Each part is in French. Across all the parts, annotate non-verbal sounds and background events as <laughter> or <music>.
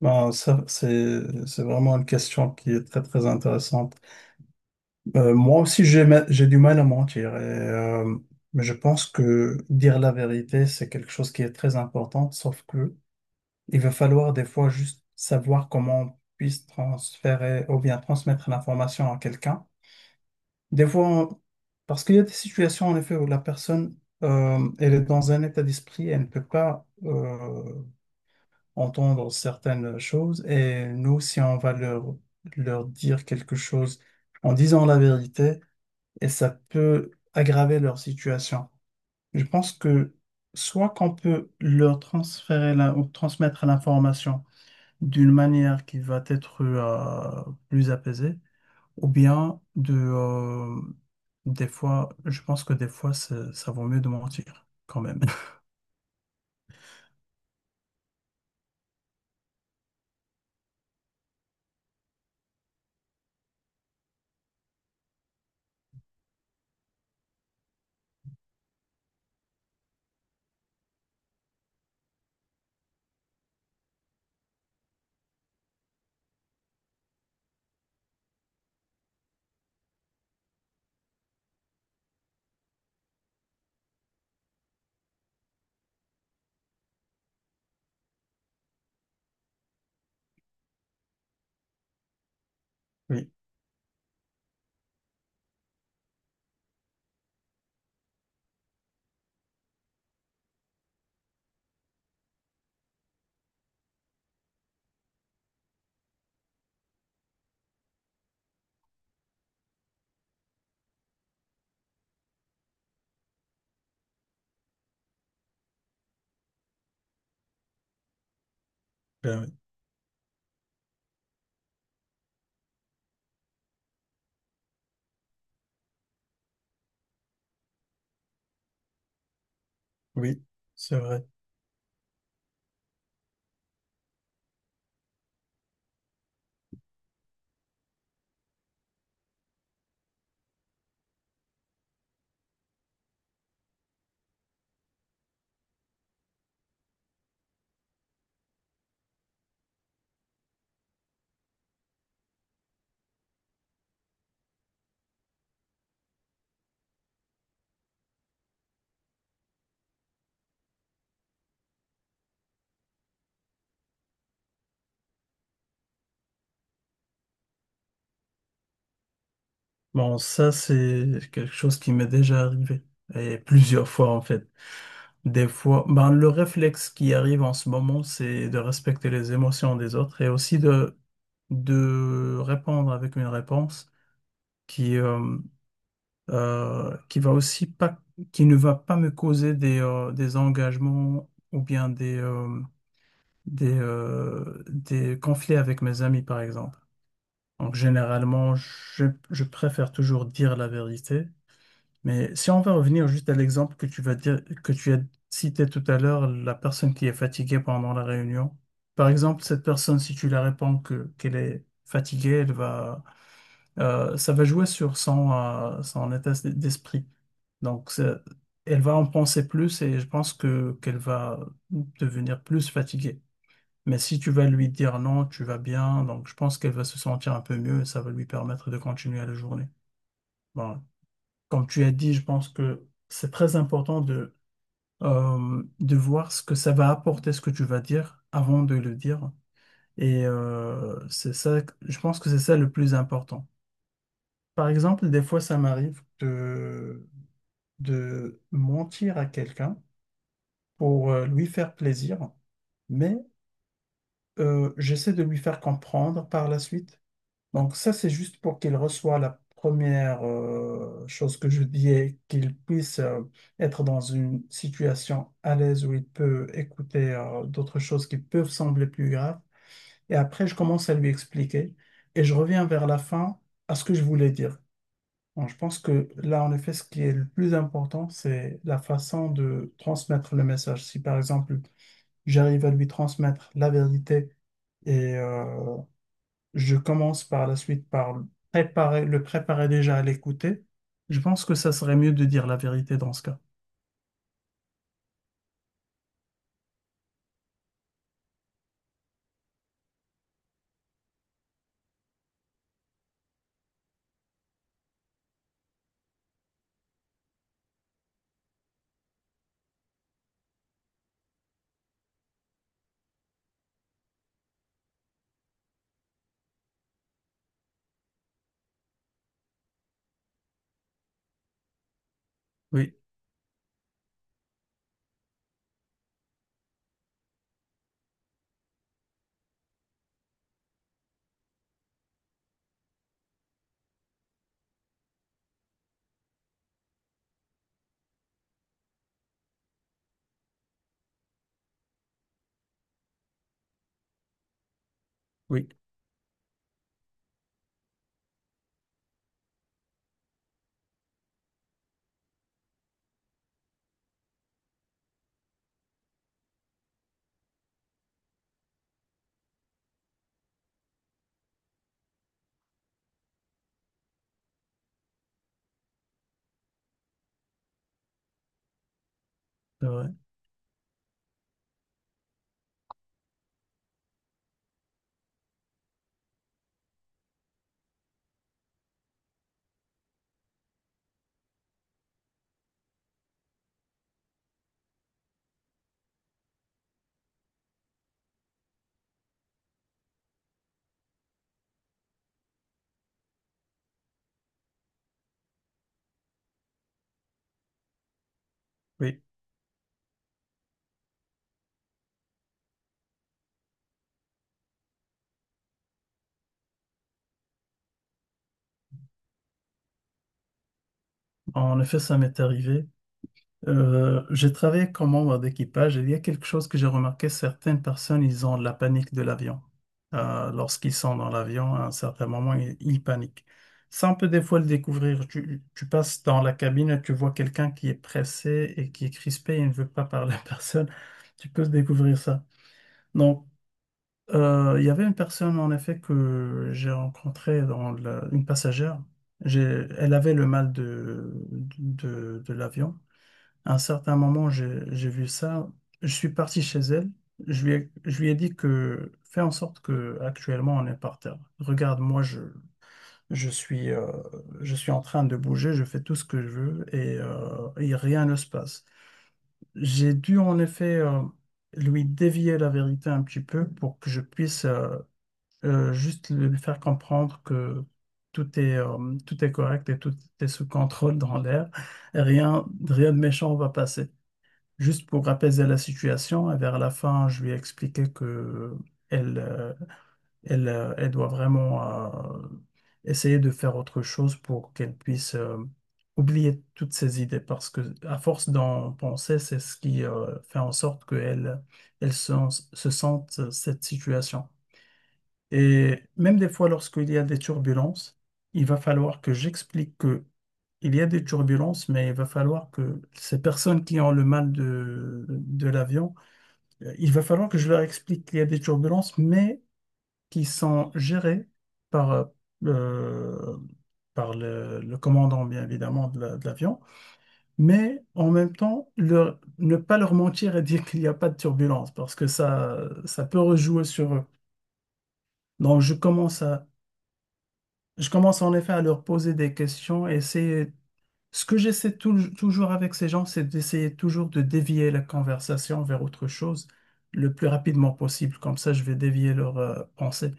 Ben, ça, c'est vraiment une question qui est très, très intéressante. Moi aussi, j'ai du mal à mentir. Mais je pense que dire la vérité, c'est quelque chose qui est très important, sauf que il va falloir des fois juste savoir comment on puisse transférer ou bien transmettre l'information à quelqu'un. Des fois, on- Parce qu'il y a des situations, en effet, où la personne, elle est dans un état d'esprit, elle ne peut pas entendre certaines choses et nous, si on va leur dire quelque chose en disant la vérité, et ça peut aggraver leur situation. Je pense que soit qu'on peut leur transférer ou transmettre l'information d'une manière qui va être plus apaisée, ou bien des fois, je pense que des fois, ça vaut mieux de mentir quand même. Oui, ben oui, oui, c'est vrai. Bon, ça, c'est quelque chose qui m'est déjà arrivé. Et plusieurs fois, en fait. Des fois, ben, le réflexe qui arrive en ce moment, c'est de respecter les émotions des autres et aussi de répondre avec une réponse qui, euh, qui va aussi pas, qui ne va pas me causer des engagements ou bien des conflits avec mes amis, par exemple. Donc, généralement, je préfère toujours dire la vérité. Mais si on va revenir juste à l'exemple que tu vas dire, que tu as cité tout à l'heure, la personne qui est fatiguée pendant la réunion. Par exemple, cette personne, si tu la réponds que qu'elle est fatiguée, elle va, ça va jouer sur son état d'esprit. Donc, ça- Elle va en penser plus et je pense que qu'elle va devenir plus fatiguée. Mais si tu vas lui dire non, tu vas bien, donc je pense qu'elle va se sentir un peu mieux et ça va lui permettre de continuer la journée. Voilà. Comme tu as dit, je pense que c'est très important de voir ce que ça va apporter, ce que tu vas dire, avant de le dire. C'est ça, je pense que c'est ça le plus important. Par exemple, des fois, ça m'arrive de mentir à quelqu'un pour lui faire plaisir, mais j'essaie de lui faire comprendre par la suite. Donc ça, c'est juste pour qu'il reçoive la première chose que je dis, et qu'il puisse être dans une situation à l'aise où il peut écouter d'autres choses qui peuvent sembler plus graves. Et après, je commence à lui expliquer et je reviens vers la fin à ce que je voulais dire. Bon, je pense que là, en effet, ce qui est le plus important, c'est la façon de transmettre le message. Si par exemple, j'arrive à lui transmettre la vérité, et euh, je commence par la suite par le préparer déjà à l'écouter. Je pense que ça serait mieux de dire la vérité dans ce cas. Oui, oui, c'est vrai. Oui, en effet, ça m'est arrivé. J'ai travaillé comme membre d'équipage et il y a quelque chose que j'ai remarqué, certaines personnes, ils ont la panique de l'avion. Lorsqu'ils sont dans l'avion, à un certain moment, ils paniquent. Ça, on peut des fois le découvrir. Tu passes dans la cabine et tu vois quelqu'un qui est pressé et qui est crispé et ne veut pas parler à <laughs> personne. Tu peux découvrir ça. Donc, il y avait une personne, en effet, que j'ai rencontrée une passagère. Elle avait le mal de l'avion. À un certain moment, j'ai vu ça. Je suis parti chez elle. Je lui ai dit que fais en sorte que actuellement on est par terre. Regarde, je suis, euh, je suis en train de bouger, je fais tout ce que je veux et rien ne se passe. J'ai dû en effet lui dévier la vérité un petit peu pour que je puisse juste lui faire comprendre que tout est correct et tout est sous contrôle dans l'air. Rien, rien de méchant va passer. Juste pour apaiser la situation, et vers la fin, je lui ai expliqué que elle, euh, elle, elle doit vraiment euh, essayer de faire autre chose pour qu'elle puisse oublier toutes ses idées, parce que à force d'en penser, c'est ce qui fait en sorte qu'elle, elle elle se sente cette situation. Et même des fois, lorsqu'il y a des turbulences, il va falloir que j'explique que il y a des turbulences, mais il va falloir que ces personnes qui ont le mal de l'avion, il va falloir que je leur explique qu'il y a des turbulences, mais qui sont gérées par, euh, par le commandant, bien évidemment, de l'avion. Mais en même temps, ne pas leur mentir et dire qu'il n'y a pas de turbulences, parce que ça peut rejouer sur eux. Donc, je commence à Je commence en effet à leur poser des questions et c'est ce que j'essaie toujours avec ces gens, c'est d'essayer toujours de dévier la conversation vers autre chose le plus rapidement possible. Comme ça, je vais dévier leur pensée.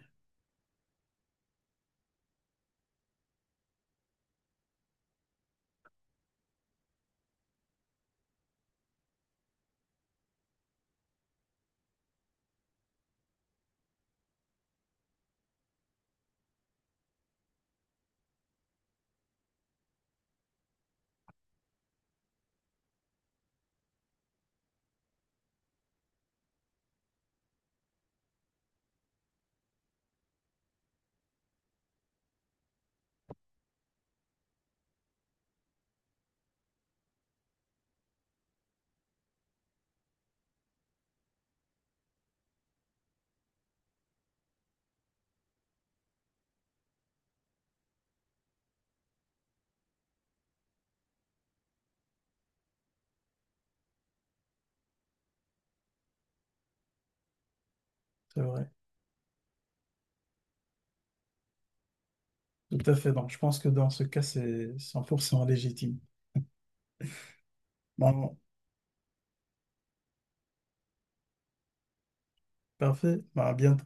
C'est vrai. Tout à fait. Donc, je pense que dans ce cas, c'est 100% légitime. Bon, parfait. Bah, à bientôt.